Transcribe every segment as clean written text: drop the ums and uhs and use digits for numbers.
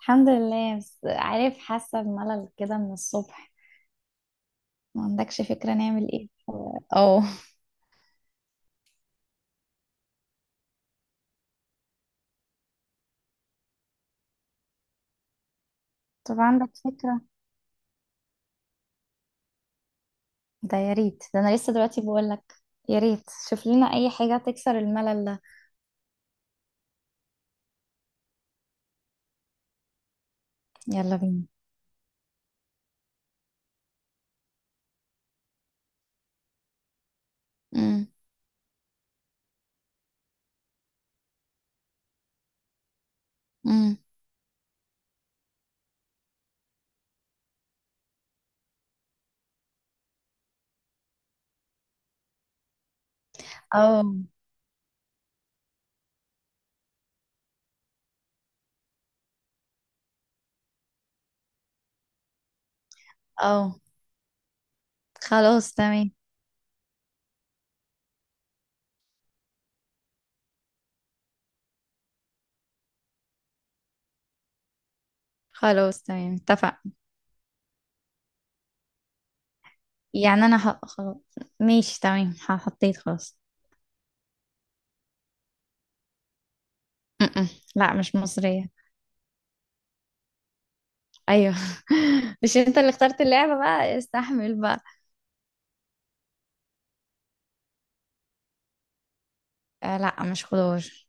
الحمد لله، بس عارف حاسة بملل كده من الصبح. ما عندكش فكرة نعمل ايه؟ اه. طب عندك فكرة؟ ده يا ريت، ده انا لسه دلوقتي بقولك. يا ريت شوف لنا اي حاجة تكسر الملل ده. يلا بينا. امم. امم. اه. اه. خلاص تمام. خلاص تمام، اتفق. يعني انا خلاص. ماشي تمام، حطيت خلاص. م-م. لا مش مصرية. ايوه. مش انت اللي اخترت اللعبة؟ بقى استحمل بقى. آه لا، مش خضار.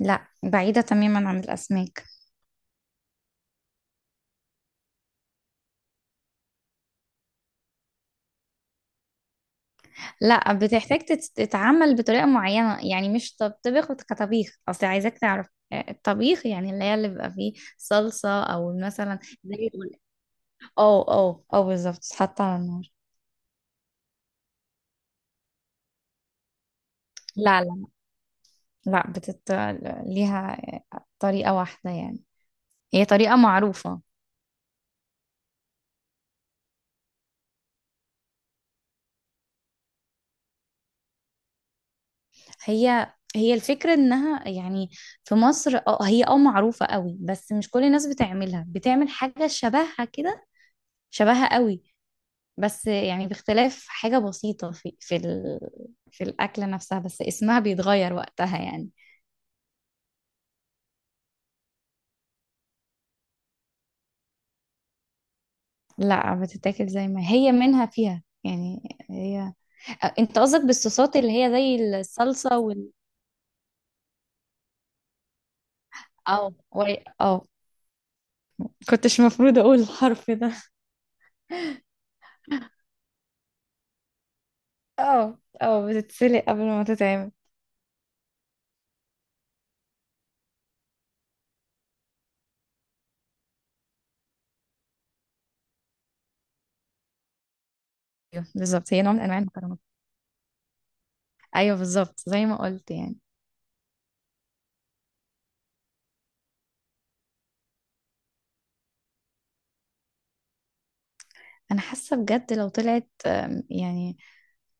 لا، بعيدة تماما عن الأسماك. لا، بتحتاج تتعمل بطريقة معينة، يعني مش تطبخ كطبيخ. أصل عايزاك تعرف الطبيخ يعني اللي هي اللي بيبقى فيه صلصة أو مثلا زي اه اه اه بالظبط، تتحط على النار. لا لا لا ليها طريقة واحدة يعني، هي طريقة معروفة. هي هي الفكرة انها يعني في مصر، اه هي اه معروفة قوي، بس مش كل الناس بتعملها، بتعمل حاجة شبهها كده، شبهها قوي، بس يعني باختلاف حاجة بسيطة في الأكلة نفسها، بس اسمها بيتغير وقتها يعني. لا، بتتاكل زي ما هي، منها فيها يعني هي. انت قصدك بالصوصات اللي هي زي الصلصة وال اه وال- اه كنتش مفروض اقول الحرف ده. اه اه، بتتسلق قبل ما تتعمل. ايوه بالظبط، هي نوع من انواع المكرونات. ايوه بالظبط زي ما قلت يعني. انا حاسه بجد لو طلعت يعني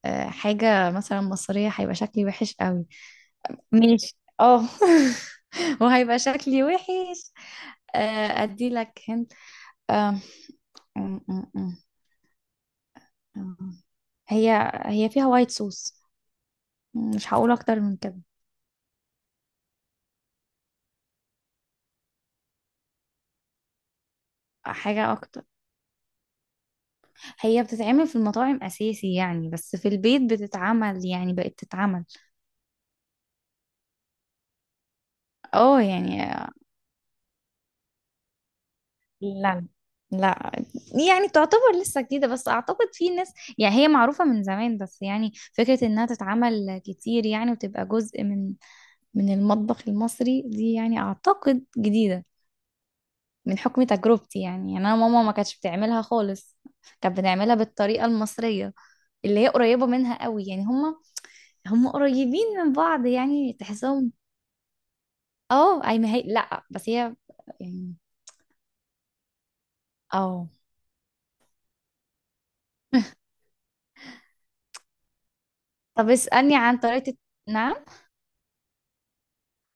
حاجه مثلا مصريه هيبقى شكلي وحش قوي. ماشي اه. وهيبقى شكلي وحش. ادي لك هنت. آه، أم- أم- أم- أم. هي هي فيها وايت صوص، مش هقول اكتر من كده. حاجة اكتر. هي بتتعمل في المطاعم اساسي يعني، بس في البيت بتتعمل، يعني بقت تتعمل. اه يعني. لا. لا، يعني تعتبر لسه جديدة، بس اعتقد في ناس يعني هي معروفة من زمان، بس يعني فكرة انها تتعمل كتير يعني وتبقى جزء من المطبخ المصري دي يعني، أعتقد جديدة. من حكم تجربتي يعني، يعني أنا ماما ما كانتش بتعملها خالص، كانت بتعملها بالطريقة المصرية اللي هي قريبة منها قوي يعني. هما هما قريبين من بعض يعني، تحسهم اه. أي ما هي لأ، بس هي يعني اه. طب اسألني عن طريقة نعم.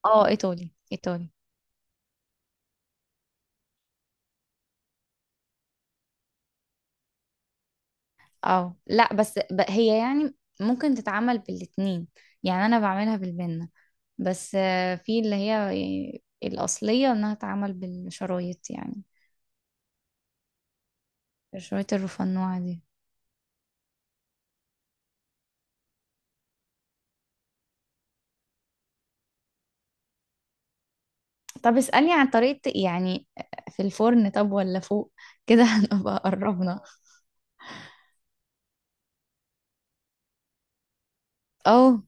اه، إيطالي إيطالي. اه لأ بس هي يعني ممكن تتعمل بالاتنين، يعني أنا بعملها بالبنة، بس في اللي هي يعني الأصلية إنها تتعمل بالشرايط يعني، الشرايط الرفنوعة دي. طب اسألني عن طريقة يعني، في الفرن طب ولا فوق كده. هنبقى قربنا. اه.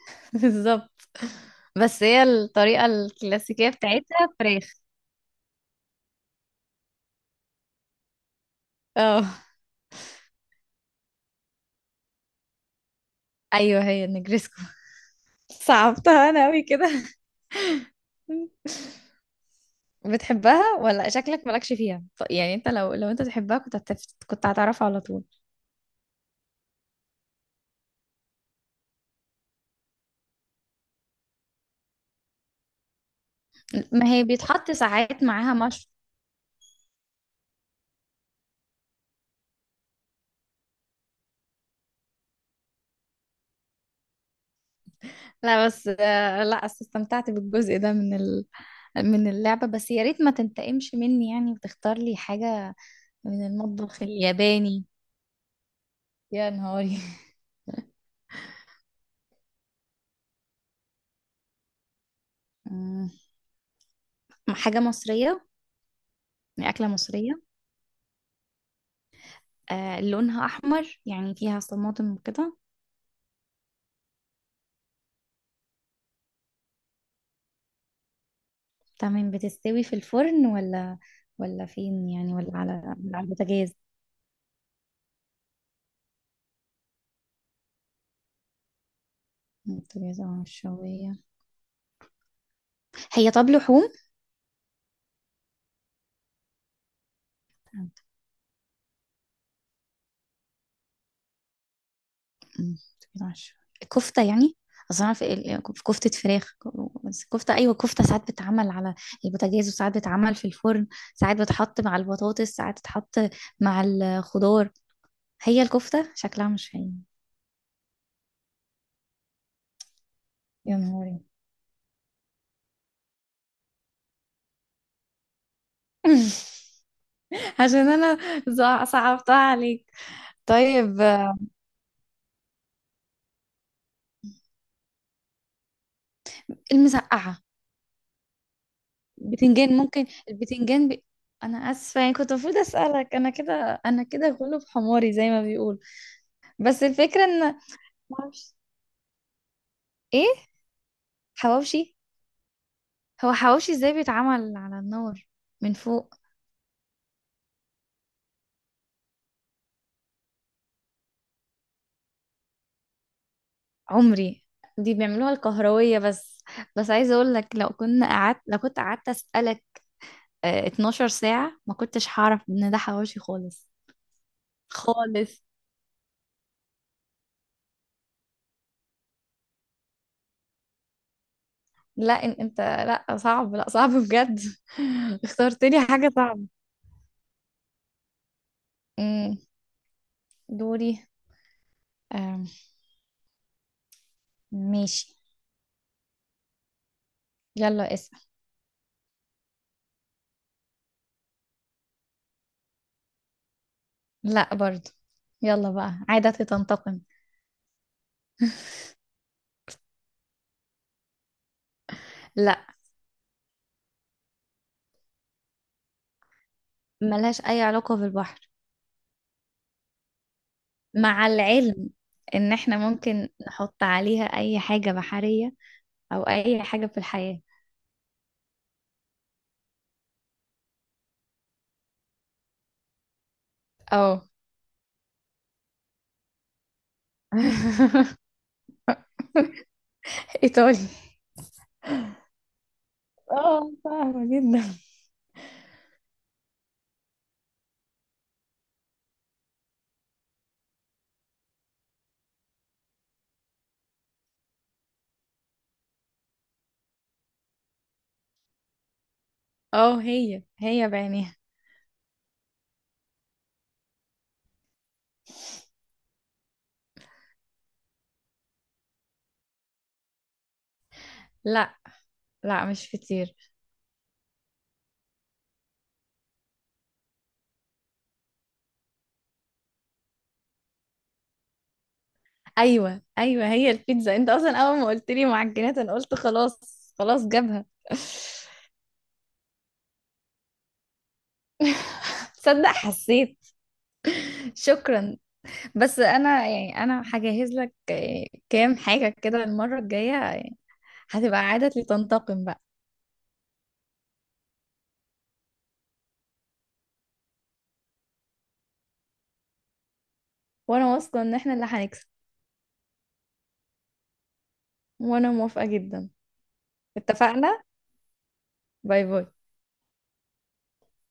بالظبط، بس هي الطريقة الكلاسيكية بتاعتها فراخ. اه، ايوه هي النجريسكو. صعبتها انا قوي كده. بتحبها ولا شكلك مالكش فيها يعني انت لو انت تحبها كنت كنت هتعرفها على طول. ما هي بيتحط ساعات معاها. لا بس لا أصل استمتعت بالجزء ده من من اللعبة، بس يا ريت ما تنتقمش مني يعني وتختار لي حاجة من المطبخ الياباني. يا نهاري. مم. حاجة مصرية، أكلة مصرية. آه لونها أحمر يعني، فيها طماطم وكده. تمام، بتستوي في الفرن ولا فين يعني، ولا على البوتاجاز؟ البوتاجاز اه الشوية. هي طب لحوم؟ أمم، تمام، عشرة. كفتة يعني. اصل أنا في في كفتة فراخ، بس كفتة، ايوه كفتة ساعات بتتعمل على البوتاجاز وساعات بتتعمل في الفرن، ساعات بتحط مع البطاطس ساعات تتحط مع الخضار. هي الكفتة شكلها مش هي. يا نهاري. عشان انا صعبتها عليك. طيب المسقعة. بتنجان، ممكن البتنجان انا اسفه يعني، كنت المفروض اسالك انا كده، انا كده غلب حماري زي ما بيقول. بس الفكره ان معرفش. ايه حواوشي؟ هو حواوشي ازاي، بيتعمل على النار من فوق؟ عمري. دي بيعملوها الكهروية بس. بس عايزة اقول لك، لو كنت قعدت اسألك 12 ساعة ما كنتش هعرف ان ده حواوشي خالص. خالص. لا انت لا، صعب لا، صعب بجد. اخترت لي حاجة صعبة. أمم، دوري. آم، ماشي، يلا اسأل. لا برضو. يلا بقى عادتي تنتقم. لا، ملهاش اي علاقة بالبحر. مع العلم ان احنا ممكن نحط عليها اي حاجة بحرية او اي حاجة في الحياة. اه. ايطالي. اه فاهمة جدا. اه، هي هي بعينيها. لا لا مش فطير. ايوه ايوه هي البيتزا. انت اصلا اول ما قلت لي معجنات انا قلت خلاص خلاص جابها. تصدق حسيت؟ شكرا. بس انا يعني انا هجهز لك كام حاجه كده المره الجايه، هتبقى عاده لتنتقم بقى. وانا واثقة ان احنا اللي هنكسب. وانا موافقة جدا. اتفقنا. باي باي.